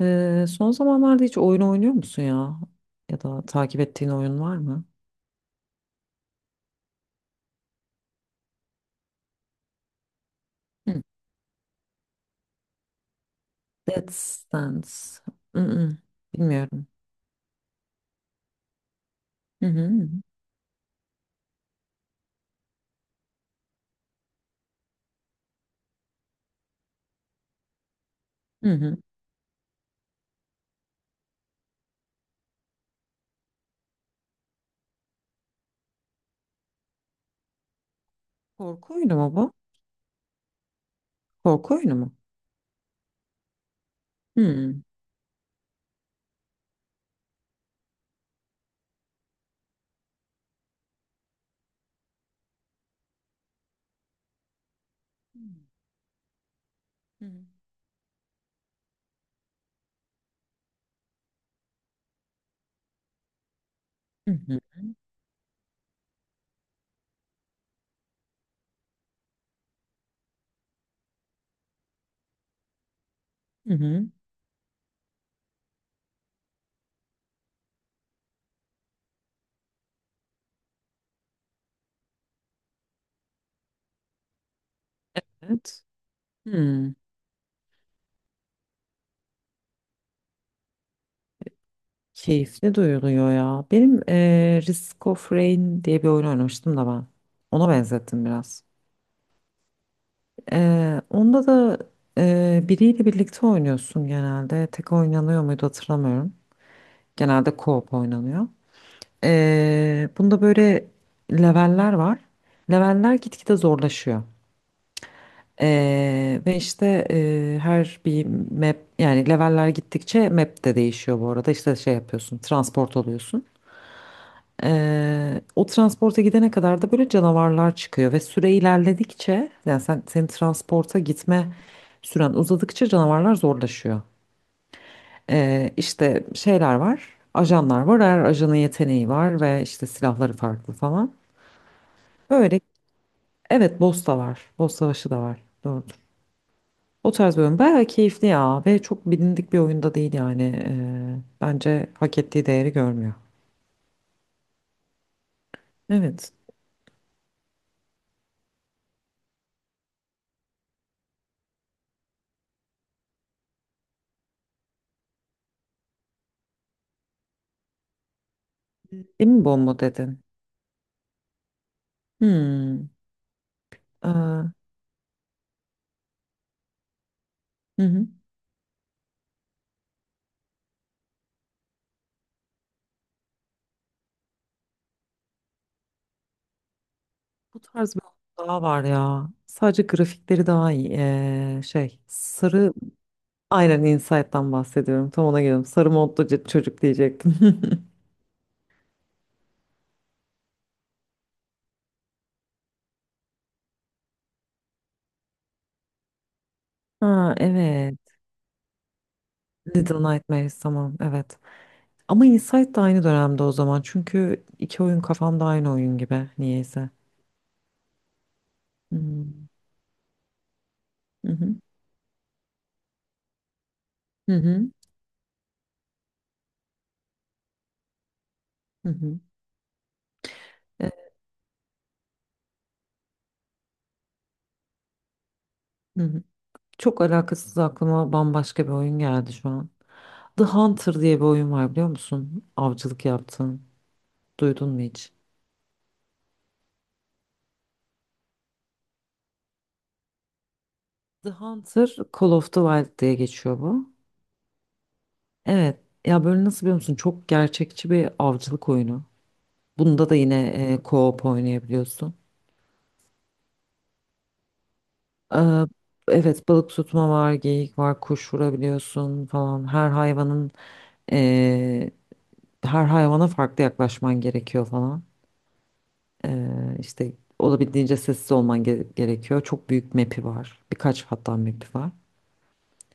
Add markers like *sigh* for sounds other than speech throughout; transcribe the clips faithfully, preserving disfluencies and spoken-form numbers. Ee, son zamanlarda hiç oyun oynuyor musun ya? Ya da takip ettiğin oyun var mı? Hı. Death Stands. Mm-mm. Bilmiyorum. Hı hı. Hı hı. Korku oyunu mu bu? Korku oyunu mu? Hı. Hı hı. Hı hı. Hı hı. Evet. Hı. Keyifli duyuluyor ya. Benim eee Risk of Rain diye bir oyun oynamıştım da ben. Ona benzettim biraz. Ee, onda da e, biriyle birlikte oynuyorsun genelde. Tek oynanıyor muydu hatırlamıyorum. Genelde co-op oynanıyor. Ee, bunda böyle leveller var. Leveller gitgide zorlaşıyor. Ee, ve işte e, her bir map, yani leveller gittikçe map de değişiyor bu arada. İşte şey yapıyorsun, transport oluyorsun. Ee, o transporta gidene kadar da böyle canavarlar çıkıyor ve süre ilerledikçe, yani sen senin transporta gitme süren uzadıkça canavarlar zorlaşıyor. Ee, işte şeyler var, ajanlar var. Her ajanın yeteneği var ve işte silahları farklı falan. Böyle evet, boss da var. Boss Savaşı da var. Doğrudur. O tarz bir oyun bayağı keyifli ya ve çok bilindik bir oyunda değil yani. Ee, bence hak ettiği değeri görmüyor. Evet. Emin bomba dedin. Hmm. Ee, hı hı. Bu tarz bir oyun daha var ya. Sadece grafikleri daha iyi. Ee, şey sarı aynen Inside'dan bahsediyorum. Tam ona geliyorum. Sarı modlu c- çocuk diyecektim. *laughs* Ha evet. Little Nightmares, tamam, evet. Ama Inside da aynı dönemde o zaman. Çünkü iki oyun kafamda aynı oyun gibi niyeyse. Hmm. Hı hı. Hı hı. Hı hı. Evet, hı hı. Çok alakasız aklıma bambaşka bir oyun geldi şu an. The Hunter diye bir oyun var, biliyor musun? Avcılık yaptın. Duydun mu hiç? The Hunter Call of the Wild diye geçiyor bu. Evet. Ya böyle nasıl, biliyor musun? Çok gerçekçi bir avcılık oyunu. Bunda da yine e, co-op oynayabiliyorsun. Ee, evet, balık tutma var, geyik var, kuş vurabiliyorsun falan. Her hayvanın eee, Her hayvana farklı yaklaşman gerekiyor falan. Ee, işte olabildiğince sessiz olman ge- gerekiyor. Çok büyük map'i var. Birkaç hatta map'i var.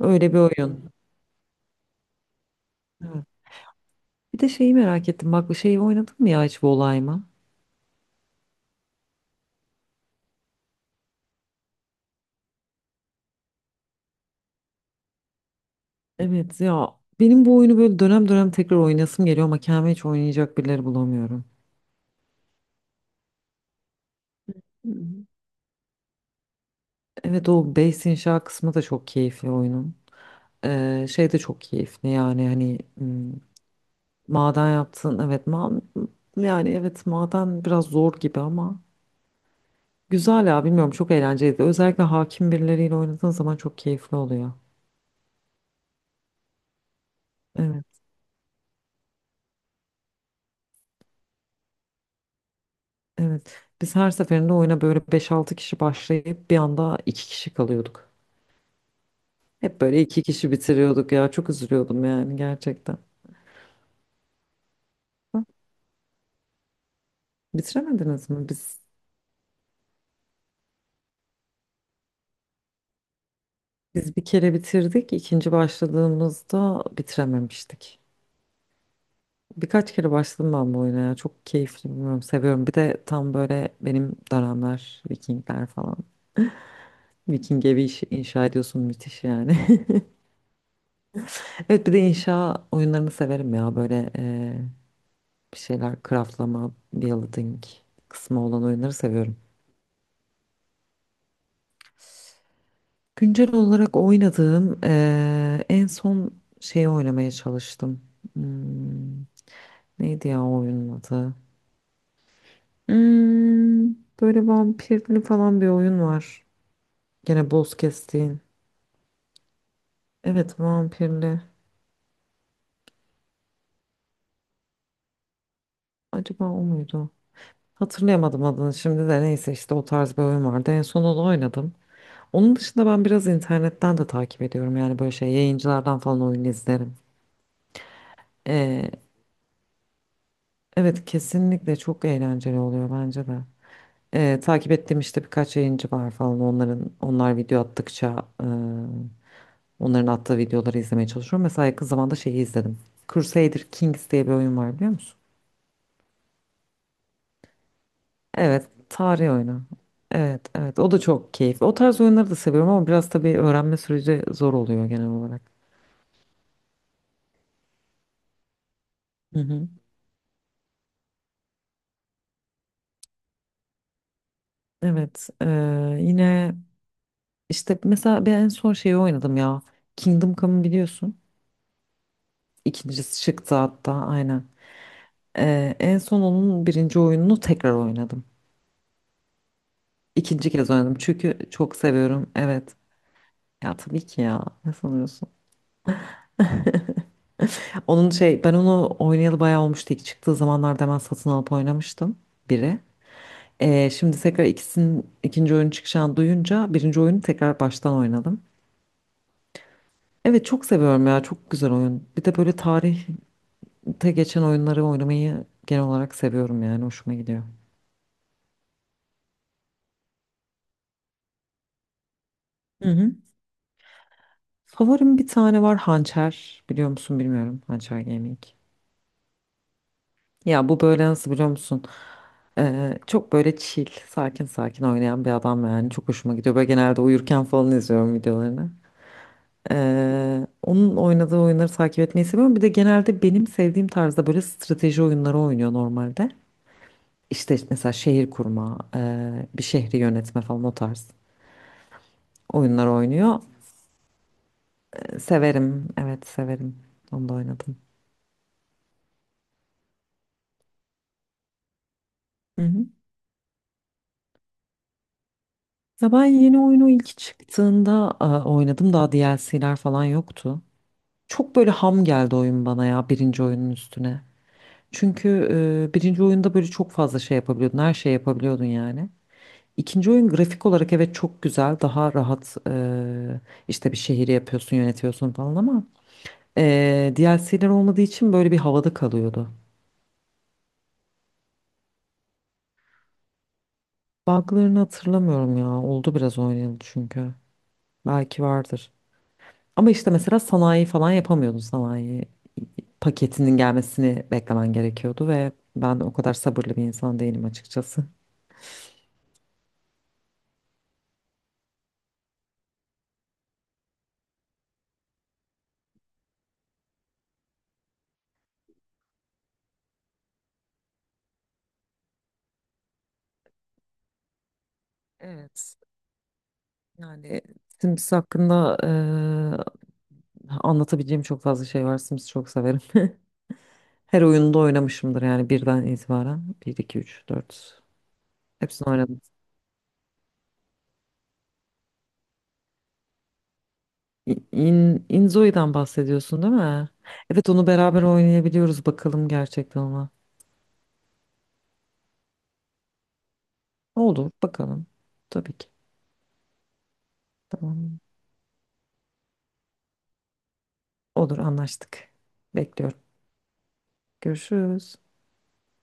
Öyle bir oyun. Evet. Bir de şeyi merak ettim. Bak, şeyi oynadın mı ya hiç, Volay mı? Evet ya, benim bu oyunu böyle dönem dönem tekrar oynasım geliyor ama kendime hiç oynayacak birileri bulamıyorum. Hmm. Evet, o base inşa kısmı da çok keyifli oyunun. Ee, şey de çok keyifli, yani hani m, maden yaptın evet ma yani evet, maden biraz zor gibi ama güzel ya, bilmiyorum, çok eğlenceliydi. Özellikle hakim birileriyle oynadığın zaman çok keyifli oluyor. Evet, evet, biz her seferinde oyuna böyle beş altı kişi başlayıp bir anda iki kişi kalıyorduk. Hep böyle iki kişi bitiriyorduk ya, çok üzülüyordum yani gerçekten. Bitiremediniz mi? Biz biz bir kere bitirdik, ikinci başladığımızda bitirememiştik. Birkaç kere başladım ben bu oyuna ya. Çok keyifli, bilmiyorum, seviyorum. Bir de tam böyle benim dönemler, Vikingler falan. Viking evi iş- inşa ediyorsun, müthiş yani. *laughs* Evet, bir de inşa oyunlarını severim ya. Böyle eee, bir şeyler craftlama, building kısmı olan oyunları seviyorum. Güncel olarak oynadığım eee, en son şeyi oynamaya çalıştım. Hmm, neydi ya o oyunun adı? Hmm, böyle vampirli falan bir oyun var. Gene boss kestiğin. Evet, vampirli. Acaba o muydu? Hatırlayamadım adını şimdi de, neyse, işte o tarz bir oyun vardı. En son onu oynadım. Onun dışında ben biraz internetten de takip ediyorum. Yani böyle şey, yayıncılardan falan oyun izlerim. Ee, evet, kesinlikle çok eğlenceli oluyor bence de. Ee, takip ettiğim işte birkaç yayıncı var falan. Onların onlar video attıkça e, onların attığı videoları izlemeye çalışıyorum. Mesela yakın zamanda şeyi izledim. Crusader Kings diye bir oyun var, biliyor musun? Evet, tarih oyunu. Evet, evet. O da çok keyifli. O tarz oyunları da seviyorum ama biraz tabii öğrenme süreci zor oluyor genel olarak. Hı hı. Evet, eee, yine işte mesela ben en son şeyi oynadım ya. Kingdom Come'ı biliyorsun. İkincisi çıktı hatta, aynen. Eee, en son onun birinci oyununu tekrar oynadım. İkinci kez oynadım çünkü çok seviyorum. Evet. Ya tabii ki ya. Ne sanıyorsun? Onun şey, ben onu oynayalı bayağı olmuştu. İlk çıktığı zamanlarda hemen satın alıp oynamıştım. Biri. Ee, şimdi tekrar ikisinin ikinci oyun çıkacağını duyunca birinci oyunu tekrar baştan oynadım. Evet, çok seviyorum ya, çok güzel oyun. Bir de böyle tarihte geçen oyunları oynamayı genel olarak seviyorum yani, hoşuma gidiyor. Hı hı. Favorim bir tane var, Hançer, biliyor musun bilmiyorum, Hançer Gaming. Ya bu böyle nasıl, biliyor musun? Ee, çok böyle chill, sakin sakin oynayan bir adam yani, çok hoşuma gidiyor. Böyle genelde uyurken falan izliyorum videolarını. Ee, onun oynadığı oyunları takip etmeyi seviyorum. Bir de genelde benim sevdiğim tarzda böyle strateji oyunları oynuyor normalde. İşte mesela şehir kurma, e, bir şehri yönetme falan, o tarz oyunlar oynuyor. E, severim, evet, severim. Onu da oynadım. Hı hı. Ya ben yeni oyunu ilk çıktığında e, oynadım. Daha D L C'ler falan yoktu. Çok böyle ham geldi oyun bana ya, birinci oyunun üstüne. Çünkü e, birinci oyunda böyle çok fazla şey yapabiliyordun. Her şey yapabiliyordun yani. İkinci oyun grafik olarak evet çok güzel. Daha rahat eee, işte bir şehri yapıyorsun, yönetiyorsun falan ama eee D L C'ler olmadığı için böyle bir havada kalıyordu. Bug'larını hatırlamıyorum ya. Oldu biraz oynayalı çünkü. Belki vardır. Ama işte mesela sanayi falan yapamıyordun. Sanayi paketinin gelmesini beklemen gerekiyordu ve ben de o kadar sabırlı bir insan değilim açıkçası. Evet. Yani Sims hakkında eee, anlatabileceğim çok fazla şey var. Sims'i çok severim. Her oyunda oynamışımdır yani, birden itibaren. Bir, iki, üç, dört. Hepsini oynadım. İ- İn, Inzoi'den bahsediyorsun değil mi? Evet, onu beraber oynayabiliyoruz. Bakalım gerçekten ona. Olur, bakalım. Tabii ki. Tamam. Olur, anlaştık. Bekliyorum. Görüşürüz.